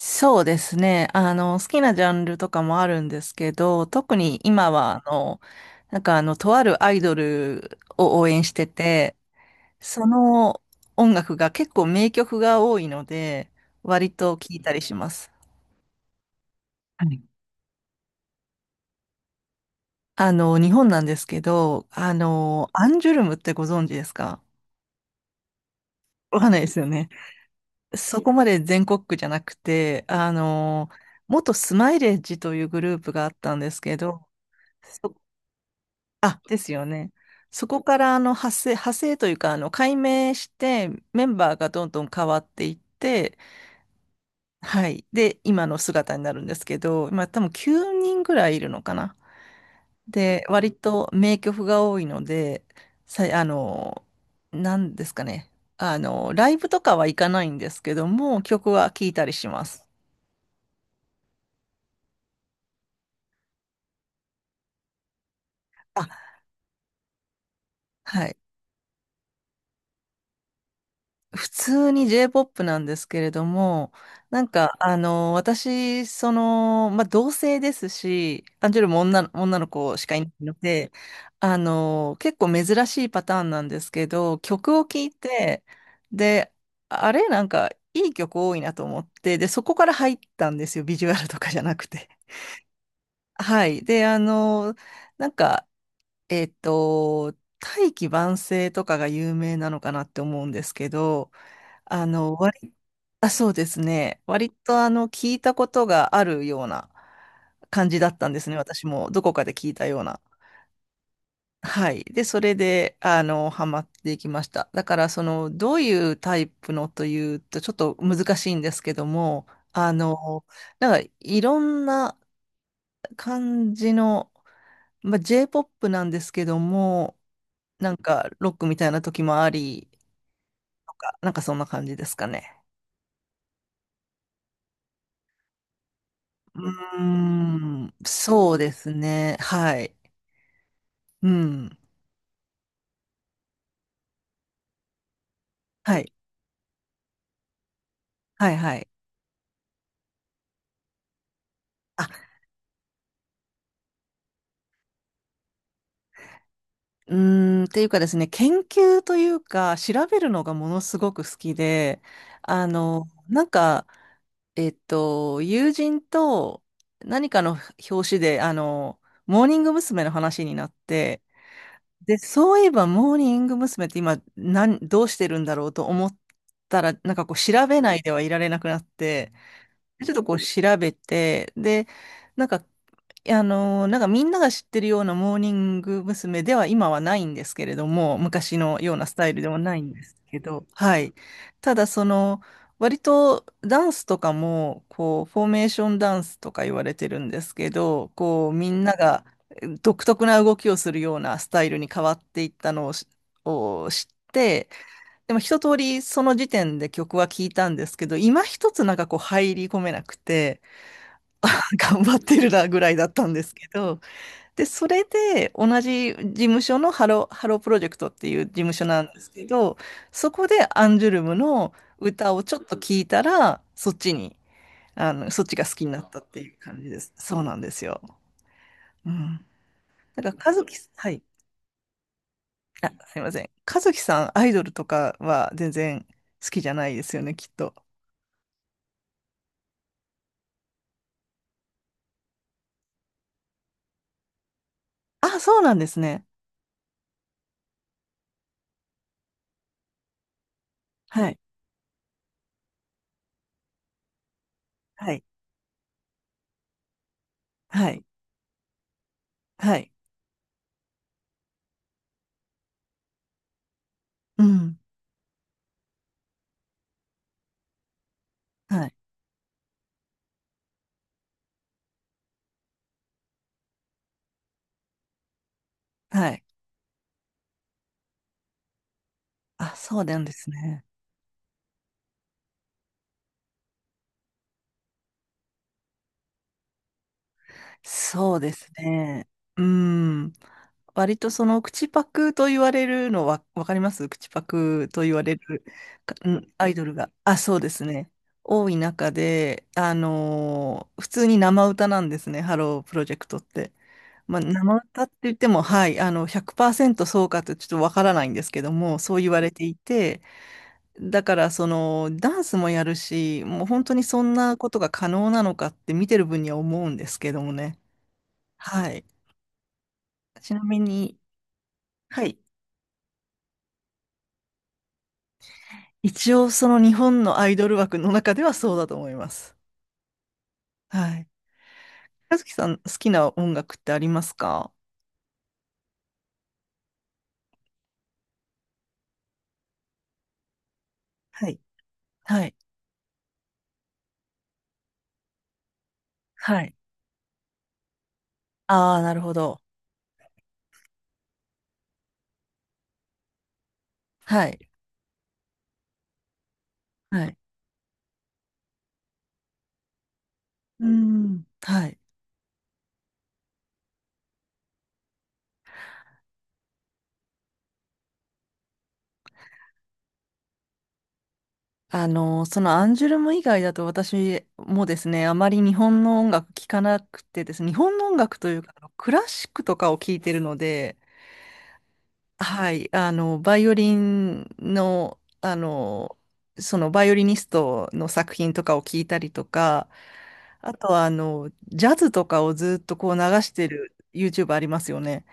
そうですね。好きなジャンルとかもあるんですけど、特に今は、とあるアイドルを応援してて、その音楽が結構名曲が多いので、割と聴いたりします。はい。日本なんですけど、アンジュルムってご存知ですか？わかんないですよね。そこまで全国区じゃなくて、元スマイレージというグループがあったんですけど、そあ、ですよね。そこから派生、というか、解明してメンバーがどんどん変わっていって、はい。で、今の姿になるんですけど、今多分9人ぐらいいるのかな。で、割と名曲が多いので、さい、あの、なんですかね。あの、ライブとかは行かないんですけども、曲は聴いたりします。あ、はい。普通に J-POP なんですけれども、私、同性ですし、アンジュルも女の子しかいないので、結構珍しいパターンなんですけど、曲を聴いて、で、あれ、なんか、いい曲多いなと思って、で、そこから入ったんですよ、ビジュアルとかじゃなくて。はい。で、なんか、えっと、大器晩成とかが有名なのかなって思うんですけど、あの、割あ、そうですね。割とあの、聞いたことがあるような感じだったんですね。私もどこかで聞いたような。はい。で、それで、ハマっていきました。だから、どういうタイプのというと、ちょっと難しいんですけども、あの、いろんな感じの、まあ、J-POP なんですけども、ロックみたいな時もあり、とか、なんかそんな感じですかね。うーん、そうですね。はい。うん。はい。はい、はい。あ、うーん、っていうかですね、研究というか、調べるのがものすごく好きで、あの、なんか、友人と何かの表紙で、モーニング娘。の話になって、で、そういえば、モーニング娘。って今、どうしてるんだろうと思ったら、調べないではいられなくなって、ちょっとこう調べて、で、なんか、みんなが知ってるようなモーニング娘。では今はないんですけれども、昔のようなスタイルではないんですけど、はい。ただその、割とダンスとかも、こう、フォーメーションダンスとか言われてるんですけど、こう、みんなが独特な動きをするようなスタイルに変わっていったのを知って、でも一通りその時点で曲は聴いたんですけど、今一つなんかこう入り込めなくて、あ頑張ってるなぐらいだったんですけど、で、それで同じ事務所のハロープロジェクトっていう事務所なんですけど、そこでアンジュルムの歌をちょっと聴いたら、そっちに、そっちが好きになったっていう感じです。そうなんですよ。うん。なんから、和樹、はい。あ、すいません。和樹さん、アイドルとかは全然好きじゃないですよね、きっと。あ、そうなんですね。はい。はい。はい。はい。うん。はい。はい。あ、そうなんですね。そうですね。うん。割とその口パクと言われるのは、わかります、口パクと言われる、うん、アイドルが。あ、そうですね。多い中で、普通に生歌なんですね、ハロープロジェクトって。まあ、生歌って言っても、はい、100%そうかとちょっとわからないんですけども、そう言われていて、だから、ダンスもやるし、もう本当にそんなことが可能なのかって見てる分には思うんですけどもね。はい。ちなみに、はい。一応、その日本のアイドル枠の中ではそうだと思います。はい。和樹さん、好きな音楽ってありますか？はい。はい。はい。ああ、なるほど。はい。はい。うーん。はい。そのアンジュルム以外だと私もですね、あまり日本の音楽聴かなくてですね、日本の音楽というか、あのクラシックとかを聴いてるので、はい、あの、バイオリンの、あの、そのバイオリニストの作品とかを聞いたりとか、あとはあの、ジャズとかをずっとこう流してる YouTube ありますよね。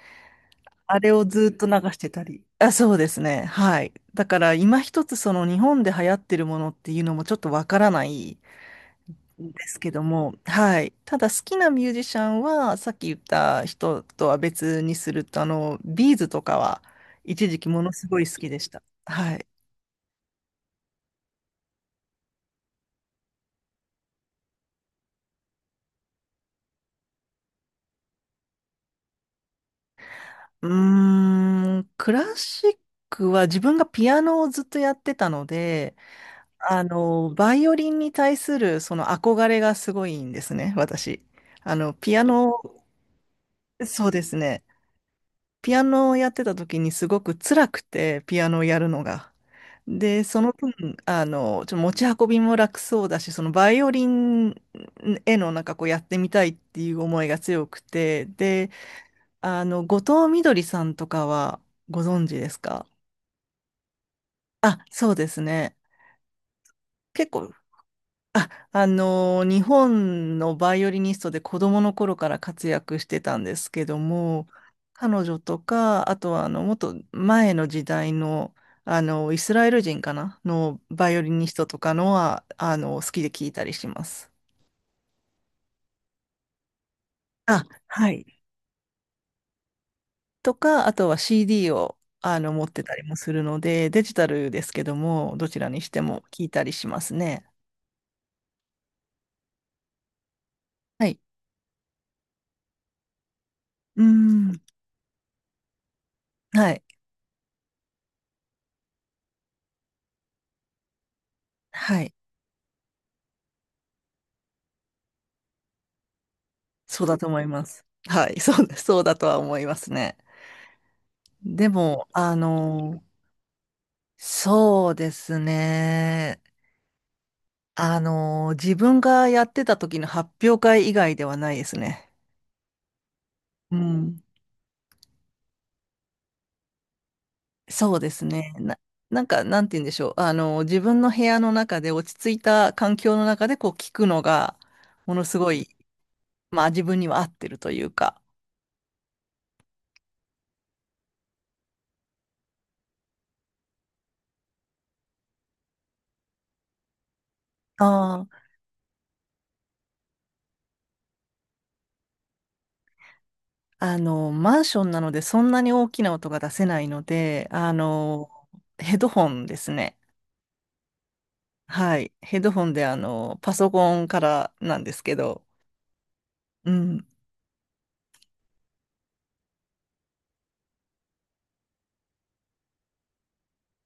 あれをずっと流してたり。あ、そうですね。はい。だから今一つその日本で流行ってるものっていうのもちょっとわからないですけども、はい。ただ好きなミュージシャンは、さっき言った人とは別にすると、ビーズとかは一時期ものすごい好きでした。はい。うーん、クラシックは自分がピアノをずっとやってたので、バイオリンに対するその憧れがすごいんですね、私。あの、ピアノ、そうですね。ピアノをやってた時にすごく辛くて、ピアノをやるのが。で、その分、ちょっと持ち運びも楽そうだし、そのバイオリンへのなんかこうやってみたいっていう思いが強くて、で、後藤みどりさんとかはご存知ですか？あ、そうですね。結構、あ、日本のバイオリニストで子供の頃から活躍してたんですけども、彼女とか、あとはあの、もっと前の時代の、イスラエル人かなのバイオリニストとかのは、好きで聞いたりします。あ、はい。とか、あとは CD を、持ってたりもするので、デジタルですけども、どちらにしても聞いたりしますね。はい。うーん。はい。はい。そうだと思います。はい、そうだとは思いますね。でも、あの、そうですね。自分がやってた時の発表会以外ではないですね。うん。そうですね。なんて言うんでしょう。自分の部屋の中で落ち着いた環境の中でこう聞くのが、ものすごい、まあ自分には合ってるというか。あ、マンションなのでそんなに大きな音が出せないので、ヘッドホンですね。はい。ヘッドホンで、パソコンからなんですけど、うん。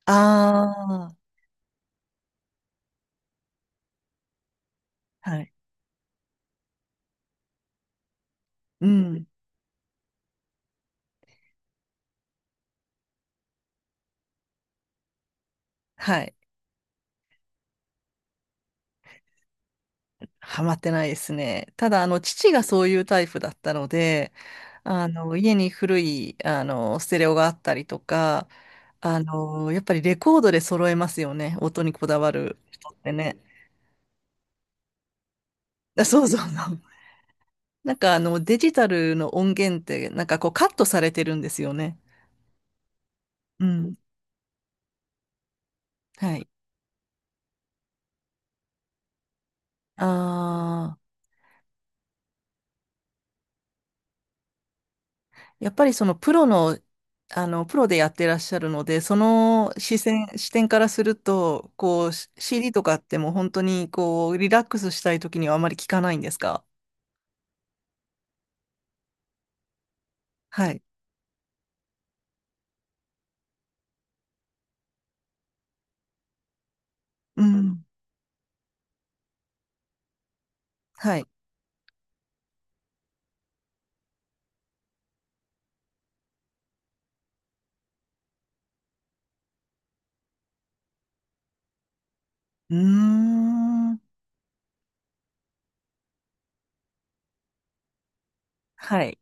ああ、はい。うん。はい。ハマってないですね。ただ、父がそういうタイプだったので、家に古い、ステレオがあったりとか、やっぱりレコードで揃えますよね。音にこだわる人ってね。あ、そうそうそう。デジタルの音源ってなんかこうカットされてるんですよね。うん。はい。ああ、やっぱりそのプロの、プロでやってらっしゃるので、その視線、視点からすると、こう、CD とかってもう本当にこう、リラックスしたい時にはあまり聞かないんですか？はい。うん。はい。うーん。はい。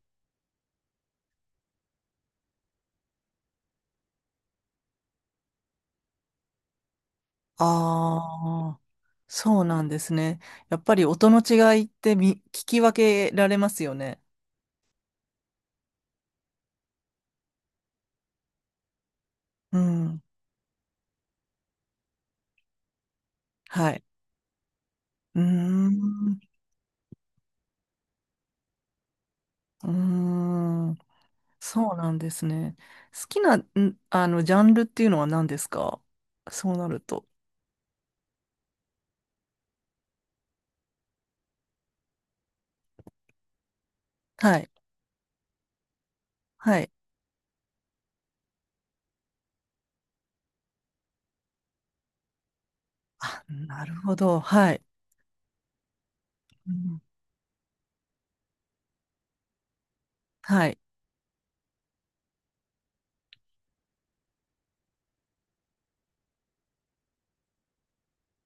ああ、そうなんですね。やっぱり音の違いって聞き分けられますよね。うん。はい。うーん、うーん、そうなんですね。好きな、ジャンルっていうのは何ですか、そうなると。はい、はい。あ、なるほど。はい。うん、はい。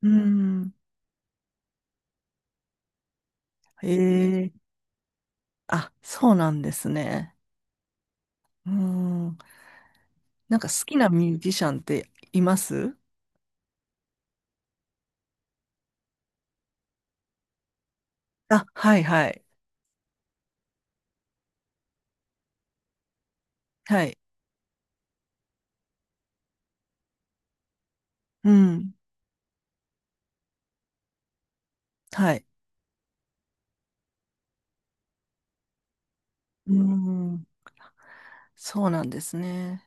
うーん、ええ、あ、そうなんですね。うーん、なんか好きなミュージシャンっています？あ、はい、はい。はい。うん、はい。うーん、そうなんですね。